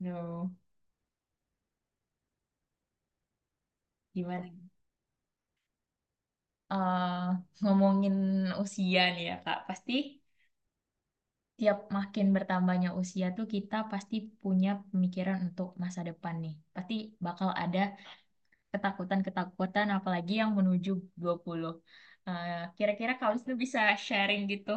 Aduh, gimana? Eh, Ngomongin usia nih ya, Kak. Pasti tiap makin bertambahnya usia tuh kita pasti punya pemikiran untuk masa depan nih. Pasti bakal ada ketakutan-ketakutan apalagi yang menuju 20. Kira-kira kalau itu bisa sharing gitu,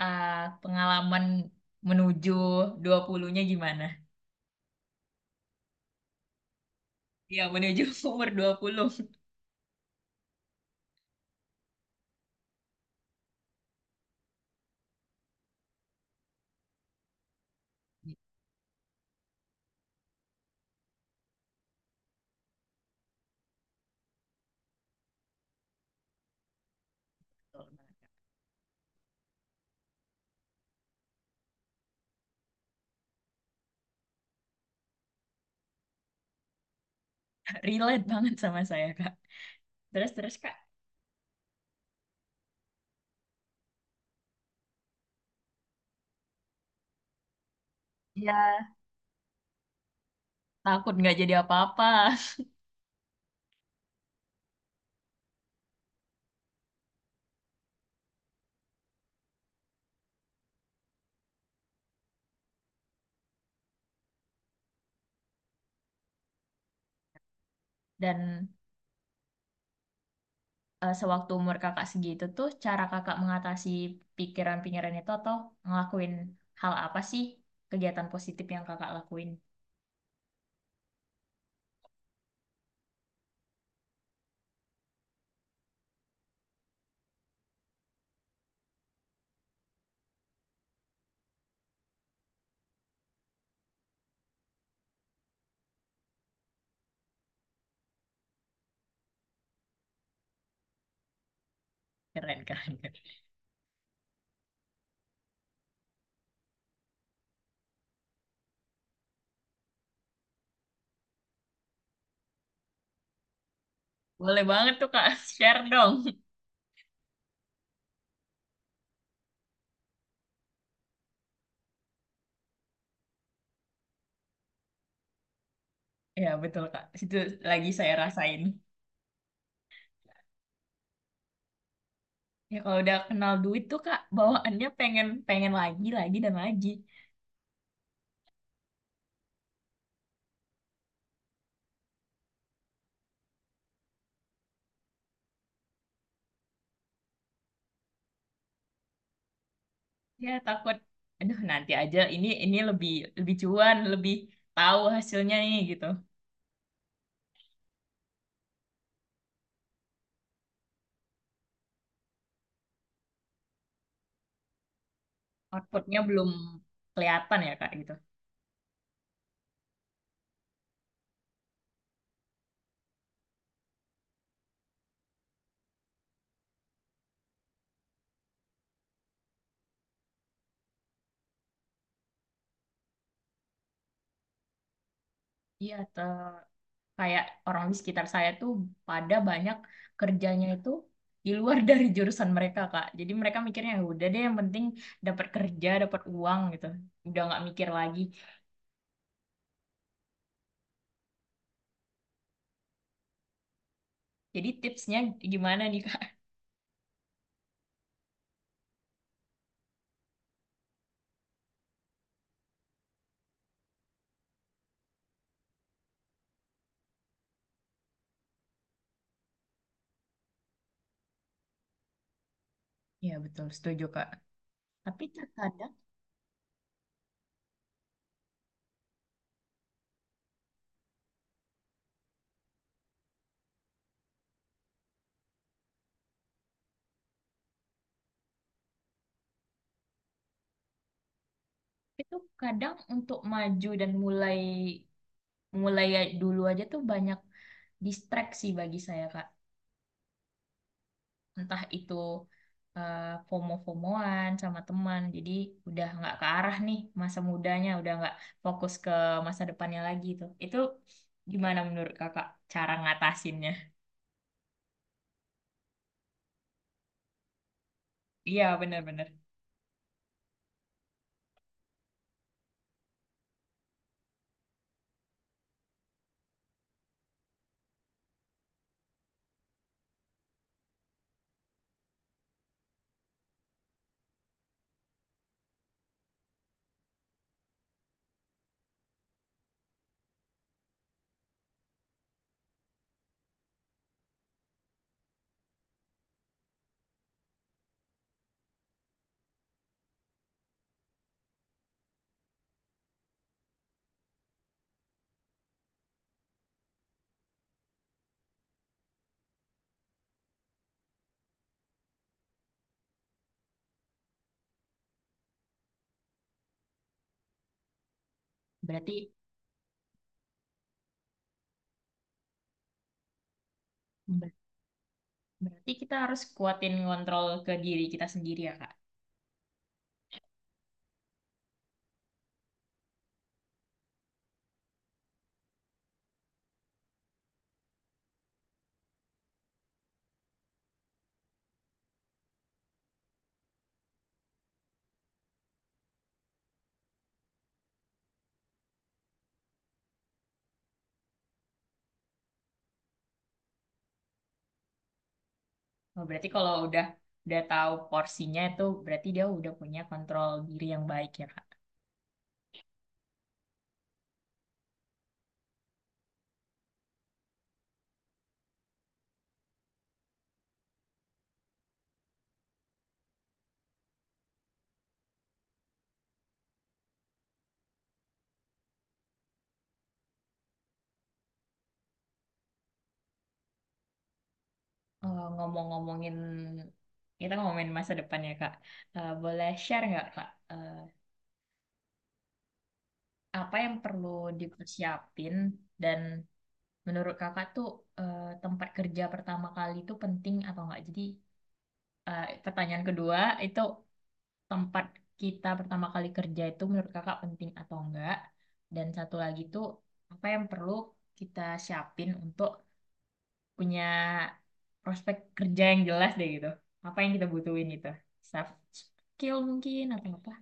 eh, pengalaman menuju 20-nya gimana? Ya, menuju umur dua puluh. Relate banget sama saya, Kak. Terus-terus, Kak. Ya, takut nggak jadi apa-apa. Dan sewaktu umur Kakak segitu tuh, cara Kakak mengatasi pikiran-pikiran itu atau ngelakuin hal apa sih, kegiatan positif yang Kakak lakuin? Keren, keren. Keren. Boleh banget tuh Kak, share dong. Ya betul Kak, itu lagi saya rasain. Ya kalau udah kenal duit tuh Kak, bawaannya pengen pengen lagi dan lagi. Ya takut, aduh nanti aja. Ini lebih lebih cuan, lebih tahu hasilnya nih gitu. Outputnya belum kelihatan ya Kak gitu. Iya, kayak orang di sekitar saya tuh pada banyak kerjanya itu di luar dari jurusan mereka, Kak. Jadi mereka mikirnya, "Ya udah deh, yang penting dapat kerja, dapat uang gitu." Udah nggak mikir lagi. Jadi tipsnya gimana nih, Kak? Iya betul, setuju Kak. Tapi terkadang itu kadang untuk maju dan mulai, mulai dulu aja tuh banyak distraksi bagi saya, Kak. Entah itu eh, FOMO-FOMOan sama teman, jadi udah nggak ke arah nih, masa mudanya udah nggak fokus ke masa depannya lagi tuh. Itu gimana menurut Kakak cara ngatasinnya? Iya benar-benar. Berarti, ber- berarti kita harus kuatin ngontrol ke diri kita sendiri ya, Kak? Oh, berarti kalau udah, tahu porsinya, itu berarti dia udah punya kontrol diri yang baik ya, Kak? Ngomong-ngomongin, kita ngomongin masa depan ya, Kak. Boleh share nggak, Kak? Apa yang perlu dipersiapin dan menurut Kakak tuh, tempat kerja pertama kali itu penting atau enggak? Jadi, pertanyaan kedua itu, tempat kita pertama kali kerja itu menurut Kakak penting atau enggak? Dan satu lagi tuh, apa yang perlu kita siapin untuk punya prospek kerja yang jelas deh gitu. Apa yang kita butuhin itu? Soft skill mungkin atau apa?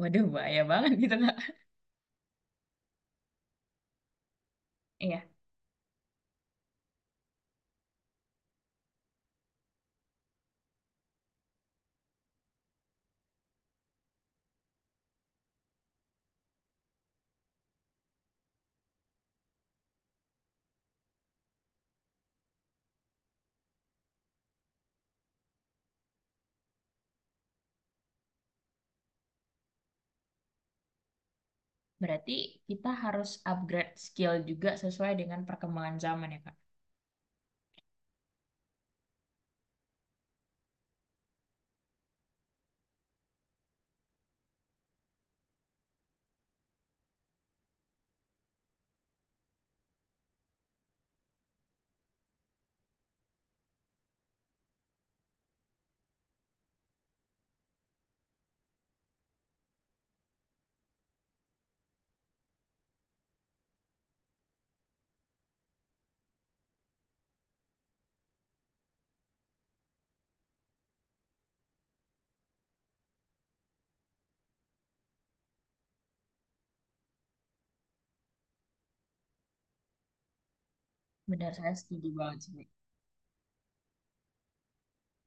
Waduh, bahaya banget gitu, Kak. Iya. Berarti kita harus upgrade skill juga sesuai dengan perkembangan zaman ya, Kak. Benar, saya setuju banget sih.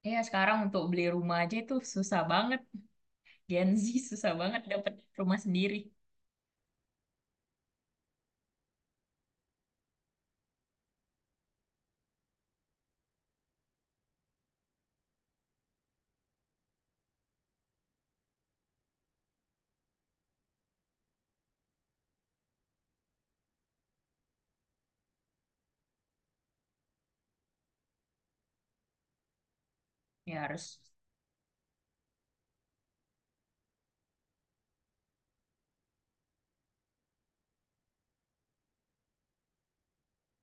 Iya, sekarang untuk beli rumah aja itu susah banget. Gen Z susah banget dapat rumah sendiri. Ya harus.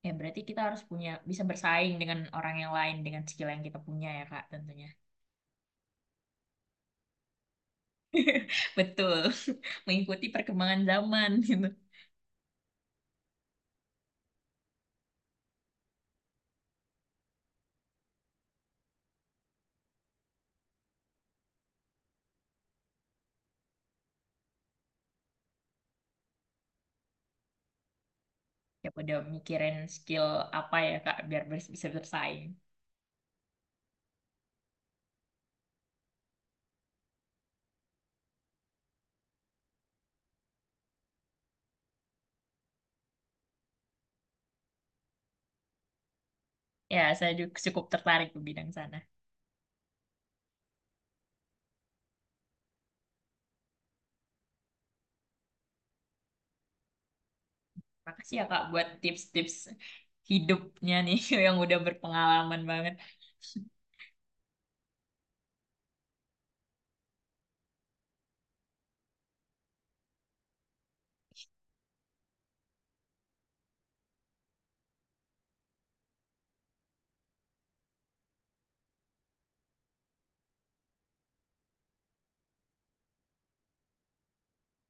Ya berarti kita harus punya, bisa bersaing dengan orang yang lain dengan skill yang kita punya ya, Kak, tentunya. Betul. Mengikuti perkembangan zaman gitu. Ya udah, mikirin skill apa ya, Kak, biar bisa bersaing. Ya, saya juga cukup tertarik ke bidang sana. Makasih ya, Kak, buat tips-tips hidupnya nih yang udah berpengalaman banget.